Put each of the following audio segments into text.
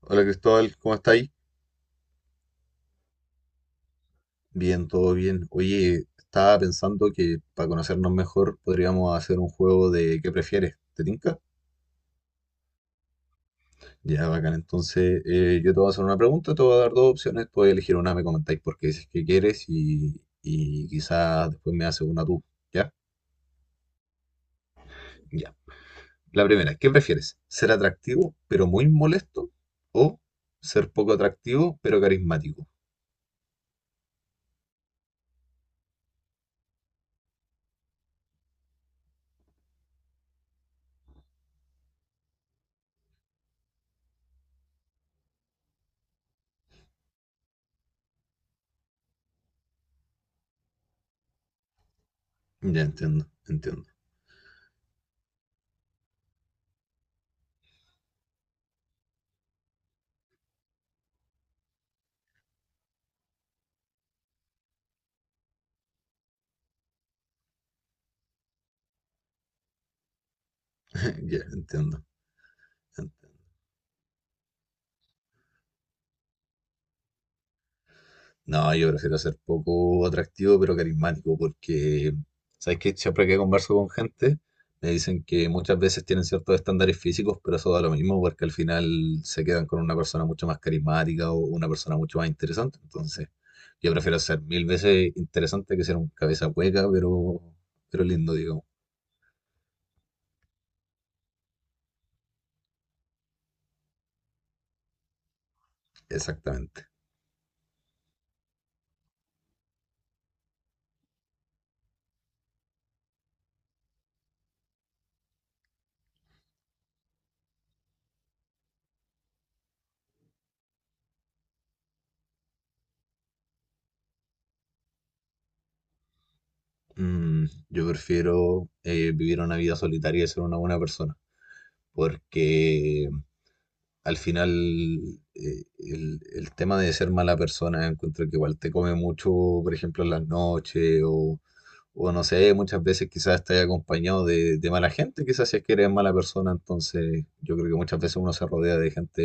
Hola Cristóbal, ¿cómo estáis? Bien, todo bien. Oye, estaba pensando que para conocernos mejor podríamos hacer un juego de ¿qué prefieres? ¿Te tinca? Ya, bacán. Entonces, yo te voy a hacer una pregunta, te voy a dar dos opciones, puedes elegir una, me comentáis por qué dices que quieres y quizás después me haces una tú, ¿ya? Ya. La primera, ¿qué prefieres? ¿Ser atractivo pero muy molesto o ser poco atractivo pero carismático? Ya entiendo, entiendo. Ya entiendo. No, yo prefiero ser poco atractivo, pero carismático, porque, ¿sabes qué? Siempre que converso con gente, me dicen que muchas veces tienen ciertos estándares físicos, pero eso da lo mismo, porque al final se quedan con una persona mucho más carismática o una persona mucho más interesante. Entonces, yo prefiero ser mil veces interesante que ser un cabeza hueca, pero lindo, digamos. Exactamente. Mm, yo prefiero vivir una vida solitaria y ser una buena persona, porque al final el tema de ser mala persona, encuentro que igual te come mucho, por ejemplo, en las noches o, no sé, muchas veces quizás estás acompañado de mala gente, quizás si es que eres mala persona, entonces yo creo que muchas veces uno se rodea de gente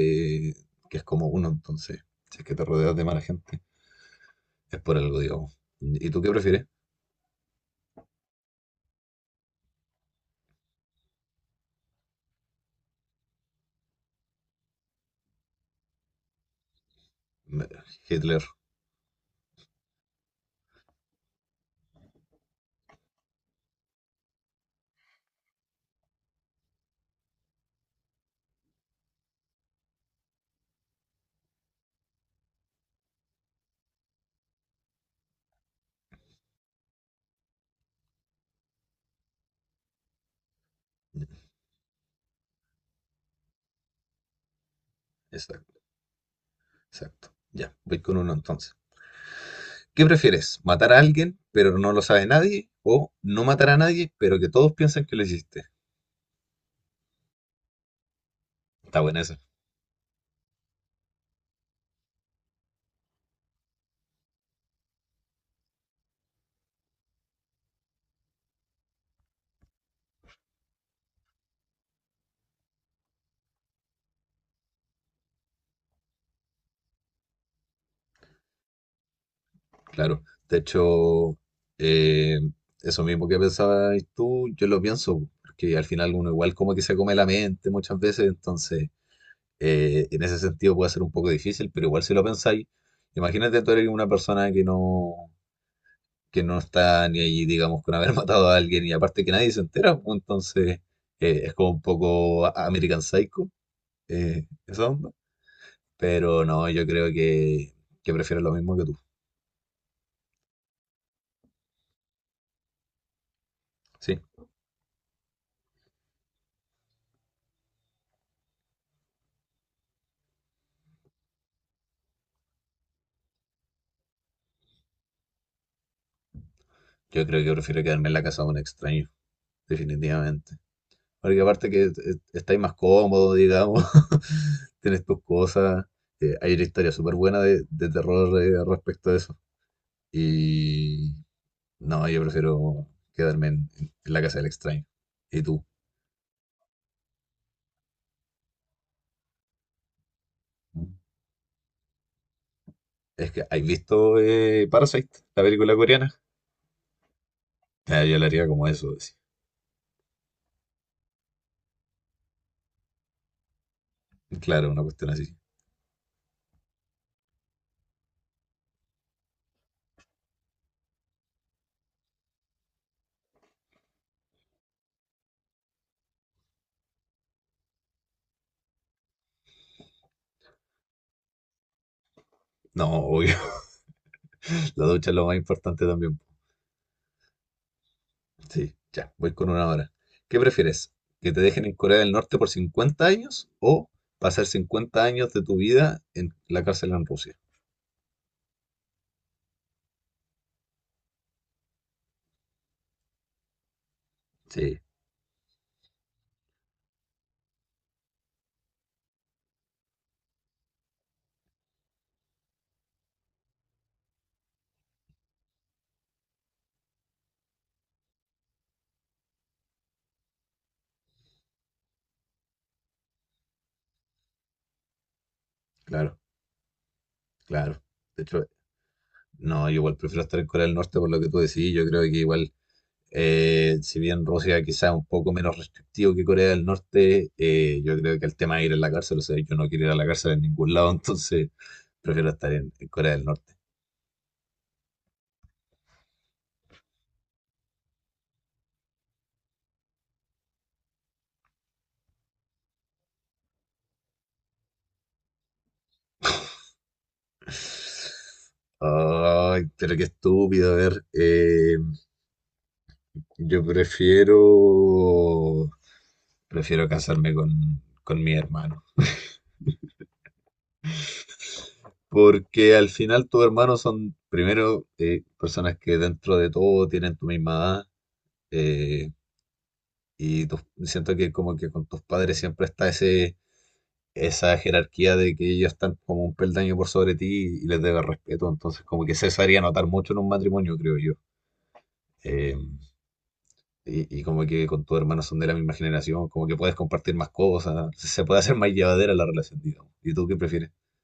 que es como uno, entonces si es que te rodeas de mala gente, es por algo, digamos. ¿Y tú qué prefieres? Me- Hitler. Exacto, exacto. Ya, voy con uno entonces. ¿Qué prefieres? ¿Matar a alguien, pero no lo sabe nadie? ¿O no matar a nadie, pero que todos piensen que lo hiciste? Está buena esa, claro. De hecho, eh, eso mismo que pensabas tú, yo lo pienso, porque al final uno igual como que se come la mente muchas veces, entonces en ese sentido puede ser un poco difícil, pero igual si lo pensáis, imagínate tú eres una persona que no está ni ahí, digamos, con haber matado a alguien y aparte que nadie se entera, pues, entonces es como un poco American Psycho. Esa onda. Pero no, yo creo que prefiero lo mismo que tú. Sí, yo creo que prefiero quedarme en la casa de un extraño, definitivamente. Porque aparte que estáis más cómodo, digamos, tienes tus cosas. Hay una historia súper buena de terror respecto a eso. Y no, yo prefiero quedarme en la casa del extraño. ¿Y tú? Es que, ¿has visto Parasite, la película coreana? Ah, yo la haría como eso, sí. Claro, una cuestión así. No, obvio. La ducha es lo más importante también. Sí, ya, voy con una hora. ¿Qué prefieres? ¿Que te dejen en Corea del Norte por 50 años o pasar 50 años de tu vida en la cárcel en Rusia? Sí, claro, claro. De hecho, no, yo igual prefiero estar en Corea del Norte por lo que tú decís. Yo creo que igual, si bien Rusia quizá es un poco menos restrictivo que Corea del Norte, yo creo que el tema de ir a la cárcel, o sea, yo no quiero ir a la cárcel en ningún lado, entonces prefiero estar en Corea del Norte. Ay, pero qué estúpido. A ver, yo prefiero, prefiero casarme con mi hermano. Porque al final tus hermanos son, primero, personas que dentro de todo tienen tu misma edad. Siento que como que con tus padres siempre está esa jerarquía de que ellos están como un peldaño por sobre ti y les debes respeto. Entonces como que eso se haría notar mucho en un matrimonio, creo yo. Eh, y como que con tu hermano son de la misma generación, como que puedes compartir más cosas, se puede hacer más llevadera la relación, digamos. ¿Y tú qué prefieres?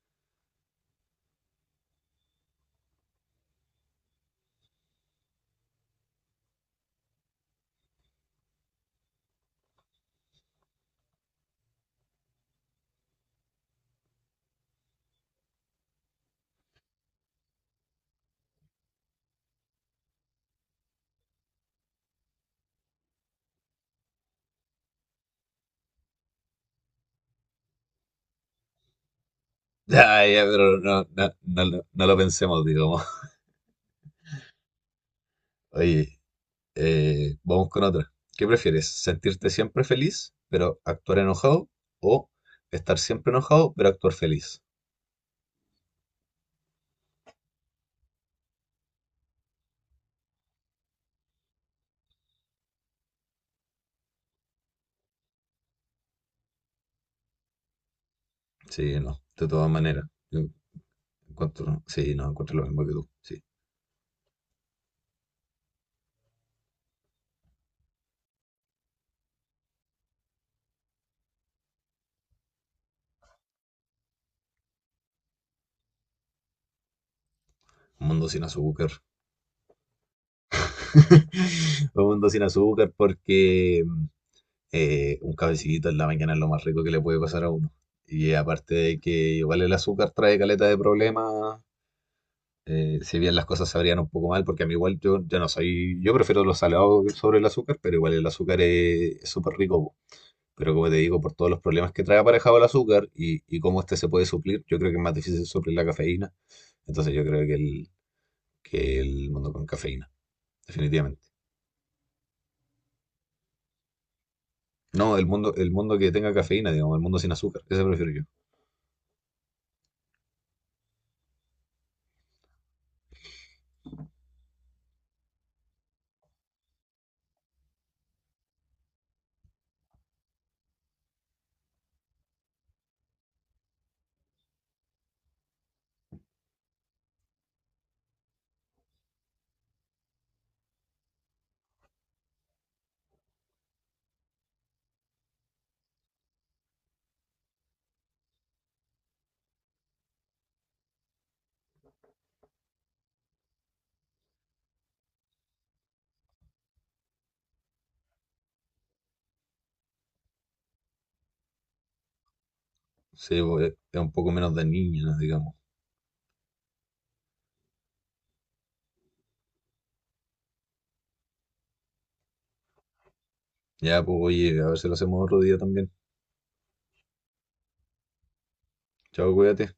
Ya, ya, pero no, no, no, no lo pensemos, digamos. Oye, vamos con otra. ¿Qué prefieres? ¿Sentirte siempre feliz, pero actuar enojado? ¿O estar siempre enojado, pero actuar feliz? Sí, no, de todas maneras. Yo encuentro, sí, no, encuentro lo mismo que tú. Sí, un mundo sin azúcar. Un mundo sin azúcar porque un cafecito en la mañana es lo más rico que le puede pasar a uno. Y aparte de que igual el azúcar trae caleta de problemas, si bien las cosas sabrían un poco mal, porque a mí igual yo, yo no soy, yo prefiero los salados sobre el azúcar, pero igual el azúcar es súper rico. Po. Pero como te digo, por todos los problemas que trae aparejado el azúcar y cómo este se puede suplir, yo creo que es más difícil suplir la cafeína. Entonces yo creo que que el mundo con cafeína, definitivamente. No, el mundo que tenga cafeína, digamos, el mundo sin azúcar, ese prefiero yo. Sí, pues, es un poco menos dañina, digamos. Ya, pues oye, a ver si lo hacemos otro día también. Chao, cuídate.